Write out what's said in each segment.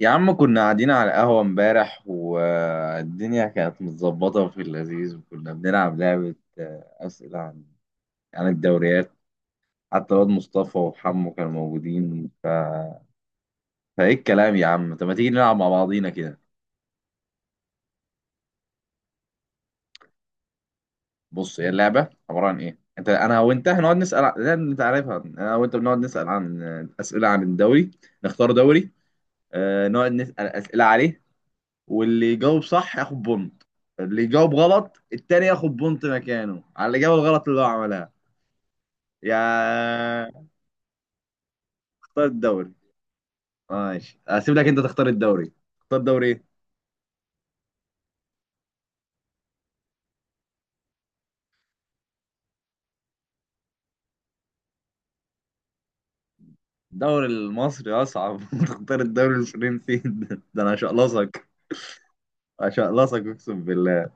يا عم، كنا قاعدين على القهوة امبارح والدنيا كانت متظبطة وفي اللذيذ، وكنا بنلعب لعبة، أسئلة عن الدوريات. حتى الواد مصطفى وحمو كانوا موجودين فإيه الكلام يا عم؟ طب ما تيجي نلعب مع بعضينا كده. بص هي اللعبة عبارة عن إيه. أنت، أنا وأنت هنقعد نسأل لا، أنت عارفها. أنا وأنت بنقعد نسأل عن، أسئلة عن الدوري. نختار دوري، نقعد نسأل أسئلة عليه. واللي يجاوب صح ياخد بونت، اللي يجاوب غلط التاني ياخد بونت مكانه على الإجابة الغلط اللي هو عملها. يا... اختار الدوري. ماشي، هسيب لك انت تختار الدوري. تختار دوري ايه؟ الدوري المصري اصعب تختار الدوري الفرنسي؟ ده انا هشقلصك. هشقلصك اقسم بالله.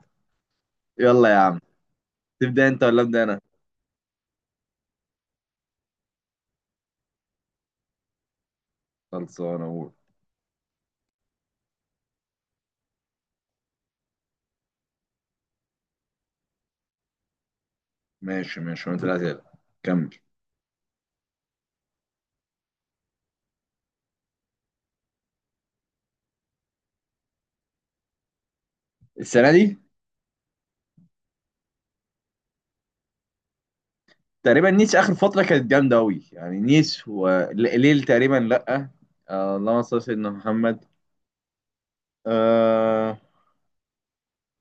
يلا يا عم، تبدأ انت ولا ابدأ انا؟ خلصانه اقول. ماشي ماشي، وانت الأسئلة. كمل. السنة دي، تقريبا نيس، اخر فتره كانت جامده قوي، يعني نيس وليل. تقريبا لا. اللهم صل على سيدنا محمد. آه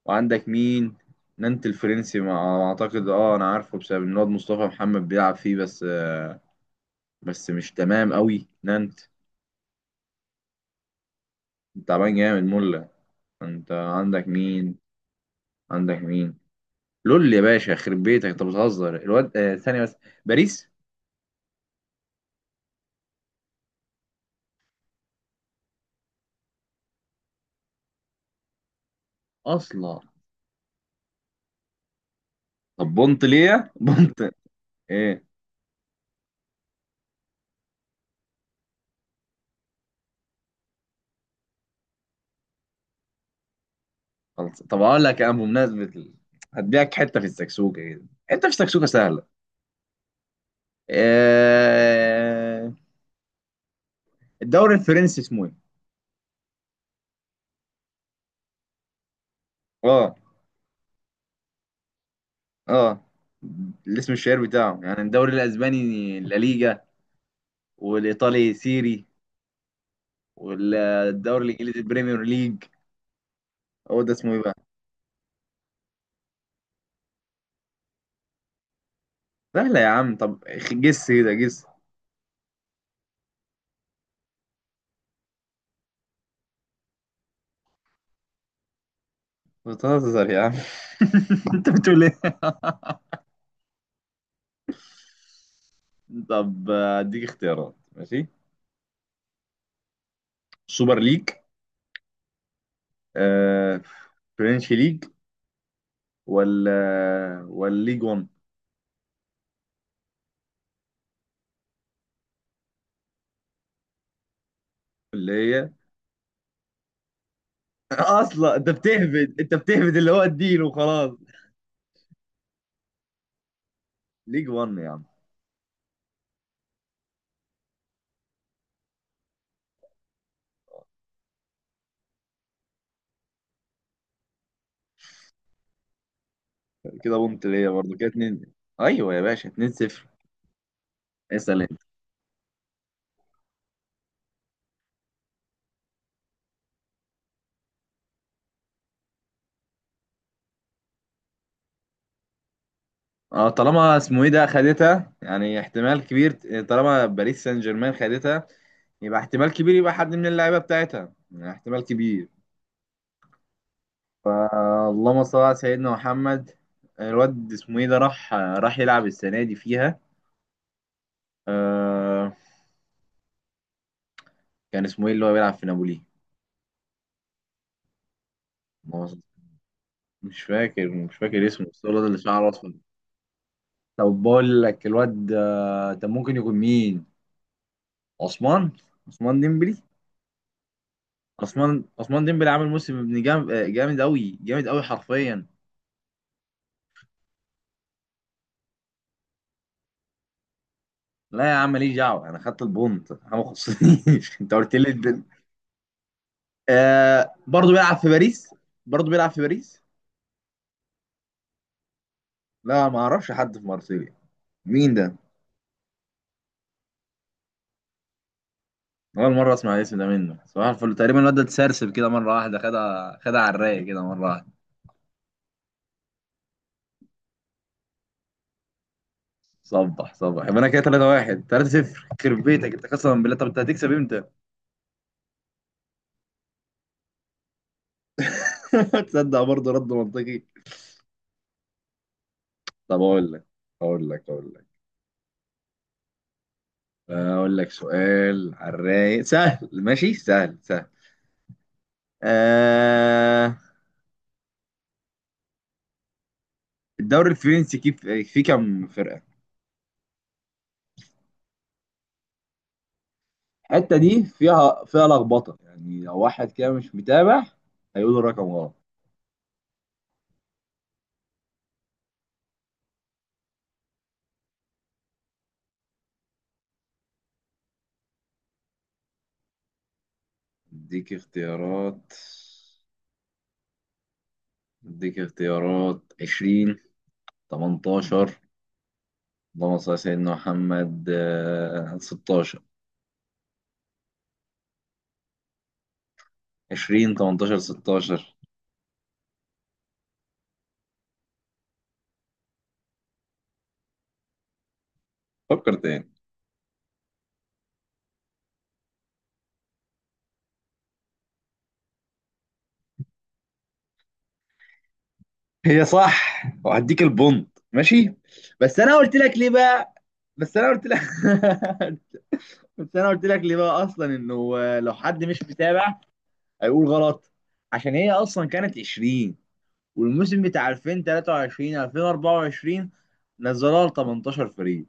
وعندك مين؟ نانت الفرنسي ما اعتقد. اه انا عارفه بسبب ان الواد مصطفى محمد بيلعب فيه، بس بس مش تمام قوي نانت. تعبان جامد، مله. انت عندك مين؟ عندك مين؟ لول يا باشا، يخرب بيتك انت بتهزر. الواد، ثانيه بس. باريس. اصلا طب بونت ليه؟ بونت ايه؟ خلاص، طب اقول لك انا بمناسبه هديك حته في السكسوكه كده. حته في السكسوكه سهله. آه... الدوري الفرنسي اسمه ايه؟ اه اه الاسم الشهير بتاعه، يعني الدوري الاسباني لا ليجا، والايطالي سيري، والدوري الانجليزي البريمير ليج. هو ده اسمه ايه بقى؟ سهله يا عم، طب. جس كده، جس. بتهزر يا عم انت بتقول ايه؟ طب، اديك اختيارات. ماشي، سوبر ليج، آه... فرنش ليج، ولا ليج 1. اللي هي اصلا انت بتهبد اللي هو الدين وخلاص. ليج 1 يا عم. كده بونت ليا برضه، كده 2. ايوه يا باشا، 2 0. اسال انت. اه، طالما اسمه ايه ده خدتها، يعني احتمال كبير. طالما باريس سان جيرمان خدتها، يبقى احتمال كبير، يبقى حد من اللعيبه بتاعتها يعني احتمال كبير. اللهم صل على سيدنا محمد. الواد اسمه ايه ده، راح يلعب السنه دي فيها. آه كان اسمه ايه اللي هو بيلعب في نابولي؟ مش فاكر اسمه، بس هو الواد اللي شعره اصفر. طب بقول لك الواد ده ممكن يكون مين. عثمان عثمان ديمبلي. عثمان ديمبلي عامل موسم ابن جامد جامد قوي، جامد قوي حرفيا. لا يا عم، ماليش دعوه، انا خدت البونت، انا ما خصنيش انت قلت لي الدن. برضه بيلعب في باريس؟ برضه بيلعب في باريس؟ لا، ما اعرفش حد في مارسيليا. مين ده؟ اول مره اسمع الاسم ده. منه صباح الفل تقريبا. الواد ده اتسرسب كده مره واحده. خدها خدها على الرايق كده مره واحده. صبح صبح، يبقى انا كده 3 1، 3 0. يخرب بيتك انت قسما بالله، طب انت هتكسب امتى؟ تصدق، برضه رد منطقي. طب اقول لك اقول لك اقول لك سؤال على الرايق سهل، ماشي، سهل سهل. آه... الدوري الفرنسي، كيف فيه كام فرقة؟ الحتة دي فيها لخبطة، يعني لو واحد كده مش متابع، هيقول الرقم غلط. اديك اختيارات، 20، 18، اللهم صل على سيدنا محمد، 16. 20 18 16، فكر تاني. هي صح، وهديك البونت ماشي. بس انا قلت لك ليه بقى. بس انا قلت لك بس انا قلت لك ليه بقى، اصلا انه لو حد مش متابع هيقول غلط. عشان هي اصلا كانت 20، والموسم بتاع 2023 2024 نزلوها ل 18 فريق.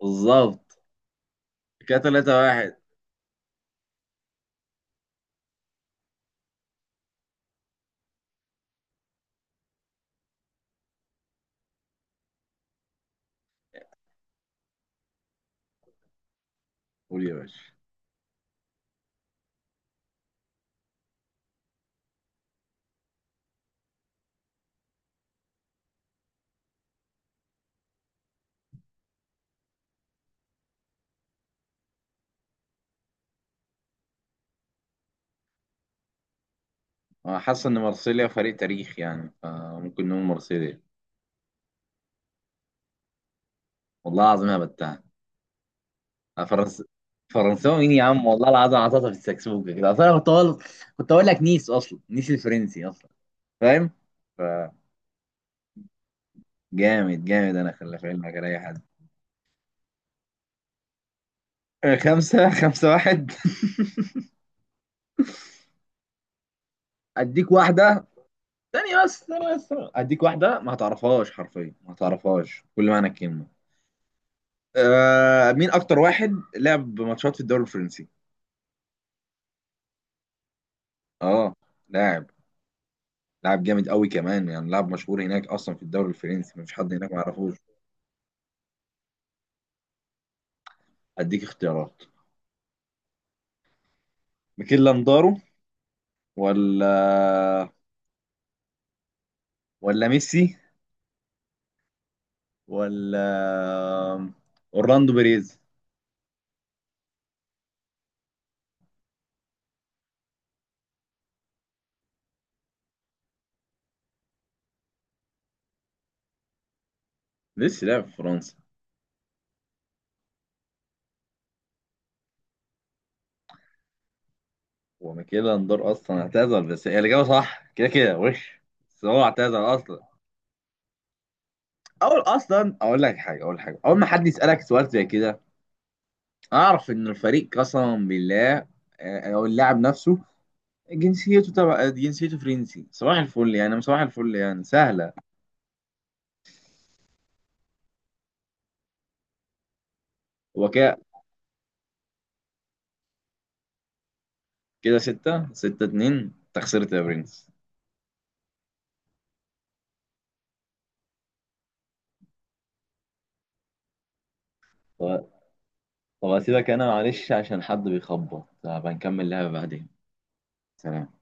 بالظبط. كده 3 1. قول يا باشا. أنا حاسس إن مرسيليا فريق تاريخ، يعني فممكن نقول مرسيليا. والله العظيم أنا بتاع. فرنس فرنساوي مين يا عم، والله العظيم عطاطا في السكسوكة كده. أصل أنا كنت أقول لك نيس، أصلا نيس الفرنسي أصلا. فاهم؟ ف جامد جامد، أنا خلي في علمك، على أي حد. خمسة خمسة واحد أديك واحدة. ثانية بس، ثانية بس. أديك واحدة ما هتعرفهاش حرفيا، ما هتعرفهاش كل معنى الكلمة. مين أكتر واحد لعب ماتشات في الدوري الفرنسي؟ اه لاعب. لاعب جامد قوي كمان، يعني لاعب مشهور هناك، اصلا في الدوري الفرنسي مفيش حد هناك ما يعرفوش. هديك اختيارات. ميكيل لاندارو، ولا ولا ميسي، ولا اورلاندو بيريز. ميسي لعب في فرنسا، وميكيل لاندارو اصلا اعتزل. بس هي الاجابه صح كده كده وش، بس هو اعتزل اصلا. اول، اصلا اقول لك حاجه. اول ما حد يسالك سؤال زي كده، اعرف ان الفريق قسما بالله، او اللاعب نفسه، جنسيته، تبع جنسيته فرنسي. صباح الفل يعني، صباح الفل يعني سهله. وكاء. كده ستة ستة اتنين، تخسرت يا برنس. طب، هسيبك انا، معلش عشان حد بيخبط. هبقى نكمل لعبة بعدين. سلام.